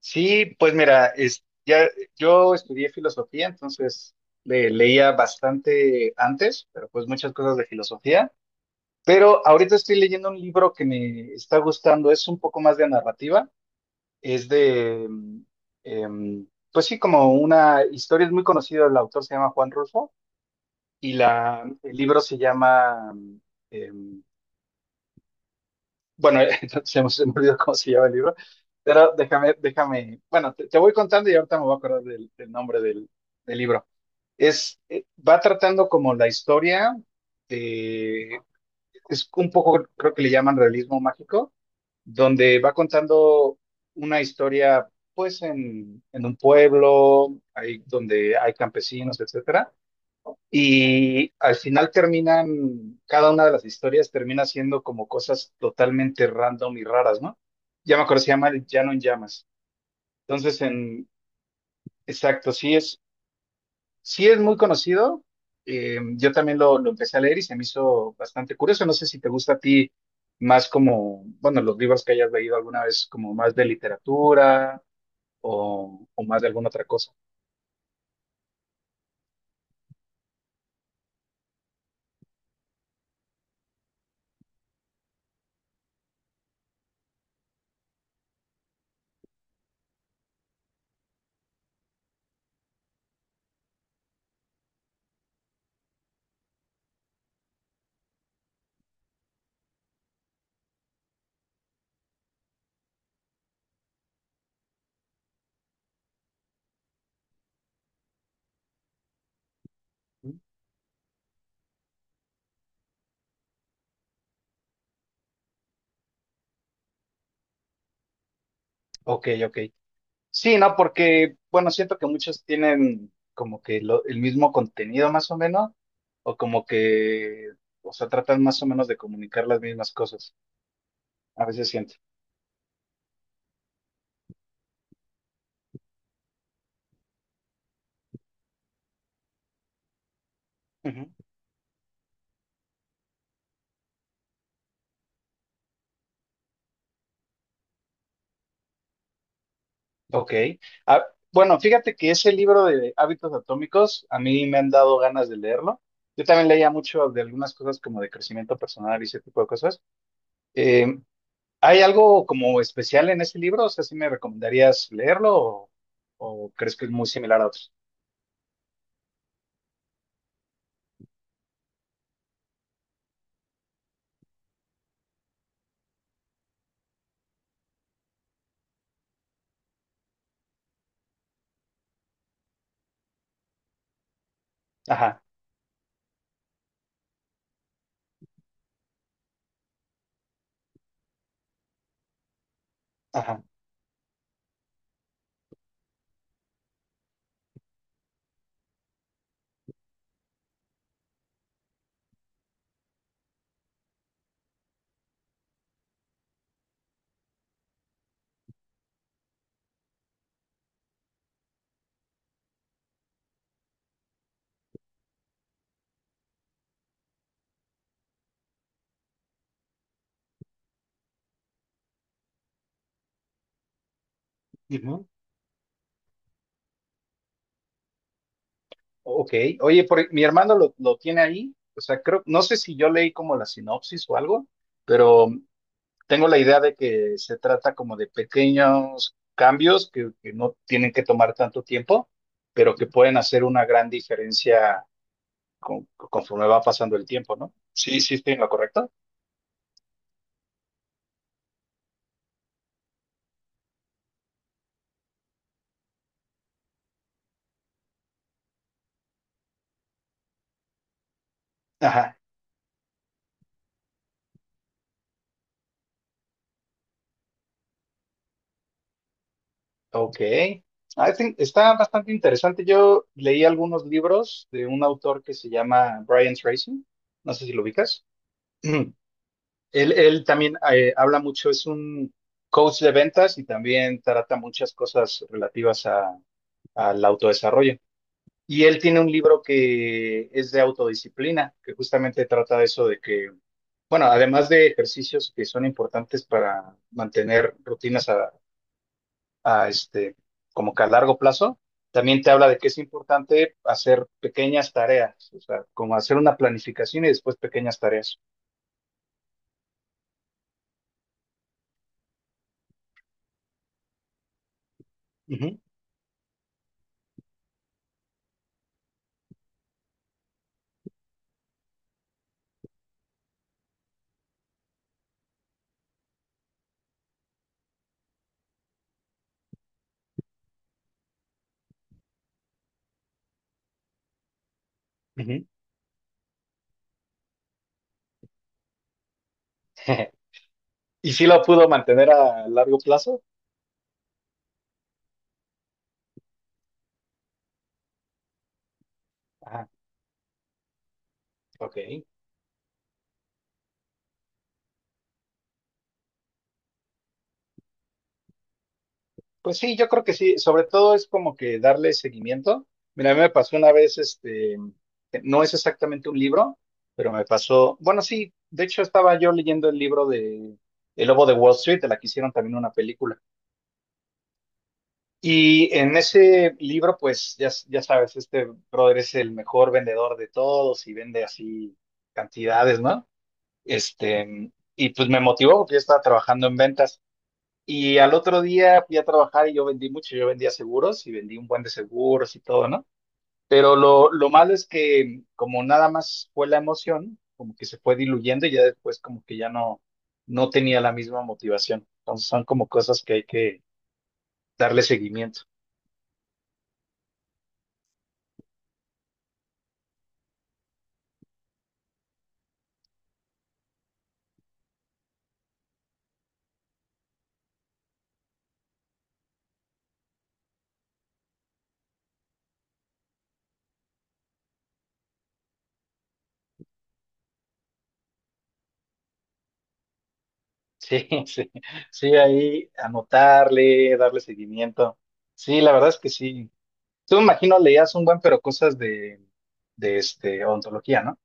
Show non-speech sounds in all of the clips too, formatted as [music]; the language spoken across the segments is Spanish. Sí, pues mira, es, ya, yo estudié filosofía, entonces leía bastante antes, pero pues muchas cosas de filosofía. Pero ahorita estoy leyendo un libro que me está gustando, es un poco más de narrativa, es de, em, pues sí, como una historia, es muy conocido, el autor se llama Juan Rulfo y el libro se llama em, bueno, [laughs] entonces hemos olvidado cómo se llama el libro, pero déjame, bueno, te voy contando y ahorita me voy a acordar del nombre del libro. Es, va tratando como la historia de, es un poco, creo que le llaman realismo mágico, donde va contando una historia, pues, en un pueblo, ahí donde hay campesinos, etcétera, y al final terminan, cada una de las historias termina siendo como cosas totalmente random y raras, ¿no? Ya me acuerdo, se llama El Llano en Llamas. Entonces, en, exacto, sí es muy conocido. Yo también lo empecé a leer y se me hizo bastante curioso. No sé si te gusta a ti más como, bueno, los libros que hayas leído alguna vez, como más de literatura o más de alguna otra cosa. Ok, ok. Sí, no, porque, bueno, siento que muchos tienen como que el mismo contenido más o menos, o como que, o sea, tratan más o menos de comunicar las mismas cosas. A veces siento. Ujú. Ok. Ah, bueno, fíjate que ese libro de Hábitos Atómicos, a mí me han dado ganas de leerlo. Yo también leía mucho de algunas cosas como de crecimiento personal y ese tipo de cosas. Eh, ¿Hay algo como especial en ese libro? O sea, ¿sí me recomendarías leerlo o crees que es muy similar a otros? Ajá, ajá. Ujú. Ok, oye, por- mi hermano lo tiene ahí, o sea, creo, no sé si yo leí como la sinopsis o algo, pero tengo la idea de que se trata como de pequeños cambios que no tienen que tomar tanto tiempo, pero que pueden hacer una gran diferencia conforme va pasando el tiempo, ¿no? Sí, sí, estoy en lo correcto. Ajá, ok. I think- está bastante interesante. Yo leí algunos libros de un autor que se llama Brian Tracy, no sé si lo ubicas. [clears throat] Él también habla mucho, es un coach de ventas y también trata muchas cosas relativas al autodesarrollo. Y él tiene un libro que es de autodisciplina, que justamente trata de eso de que, bueno, además de ejercicios que son importantes para mantener rutinas a este, como que a largo plazo, también te habla de que es importante hacer pequeñas tareas, o sea, como hacer una planificación y después pequeñas tareas. Ujú, ujú. [laughs] ¿Y sí lo pudo mantener a largo plazo? Ajá, ok. Pues sí, yo creo que sí. Sobre todo es como que darle seguimiento. Mira, a mí me pasó una vez, este, que no es exactamente un libro, pero me pasó, bueno, sí, de hecho estaba yo leyendo el libro de El Lobo de Wall Street, de la que hicieron también una película. Y en ese libro, pues ya, ya sabes, este brother es el mejor vendedor de todos y vende así cantidades, ¿no? Este, y pues me motivó porque yo estaba trabajando en ventas. Y al otro día fui a trabajar y yo vendí mucho, yo vendía seguros y vendí un buen de seguros y todo, ¿no? Pero lo malo es que como nada más fue la emoción, como que se fue diluyendo y ya después como que ya no, no tenía la misma motivación. Entonces son como cosas que hay que darle seguimiento. Sí, [laughs] sí, sí, ahí anotarle, darle seguimiento. Sí, la verdad es que sí. Tú me imagino leías un buen, pero cosas de este, ontología, ¿no?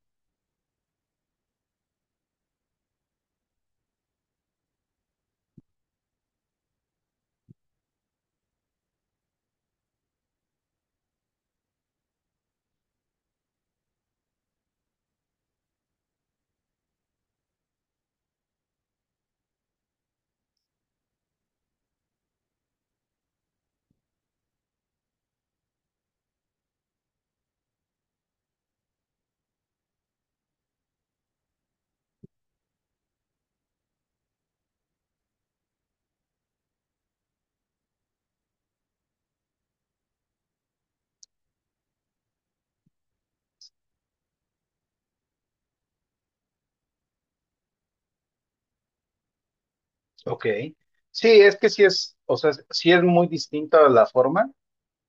Ok. Sí, es que sí es, o sea, sí es muy distinta la forma.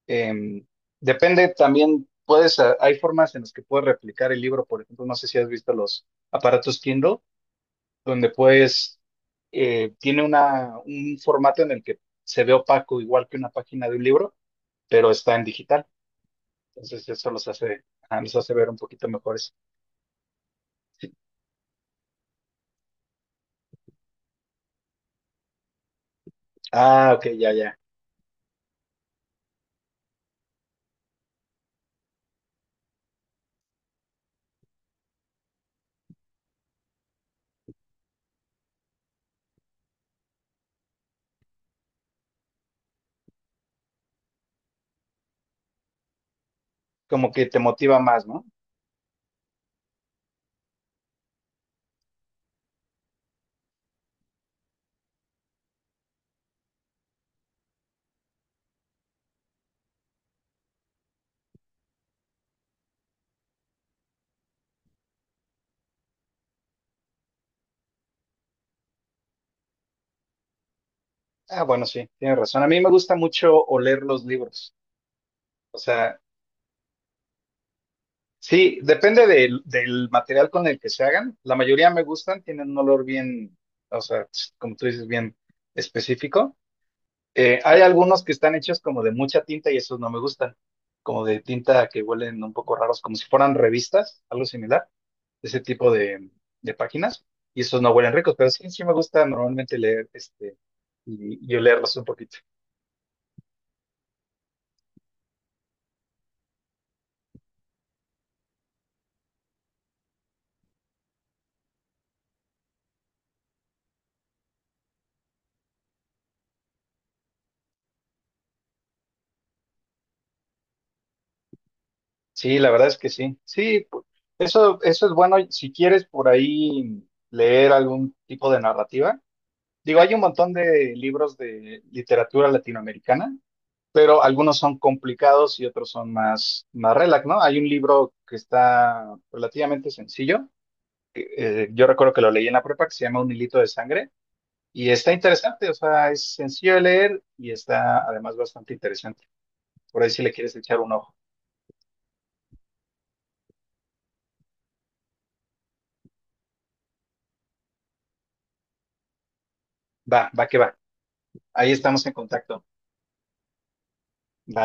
Em, depende también, puedes, a- hay formas en las que puedes replicar el libro, por ejemplo, no sé si has visto los aparatos Kindle, donde puedes, tiene una, un formato en el que se ve opaco, igual que una página de un libro, pero está en digital. Entonces eso los hace, ah, los hace ver un poquito mejores. Ah, ok, ya, ya. Como que te motiva más, ¿no? Ah, bueno, sí, tienes razón. A mí me gusta mucho oler los libros. O sea, sí, depende del material con el que se hagan. La mayoría me gustan, tienen un olor bien, o sea, como tú dices, bien específico. Hay algunos que están hechos como de mucha tinta y esos no me gustan, como de tinta que huelen un poco raros, como si fueran revistas, algo similar, de ese tipo de páginas. Y esos no huelen ricos, pero sí, sí me gusta normalmente leer este y olerlos un poquito. Sí, la verdad es que sí. Sí, eso, eso es bueno si quieres por ahí leer algún tipo de narrativa. Digo, hay un montón de libros de literatura latinoamericana, pero algunos son complicados y otros son más, más relax, ¿no? Hay un libro que está relativamente sencillo, que, yo recuerdo que lo leí en la prepa, que se llama Un hilito de sangre, y está interesante, o sea, es sencillo de leer y está además bastante interesante. Por ahí si le quieres echar un ojo. Va, va que va. Ahí estamos en contacto.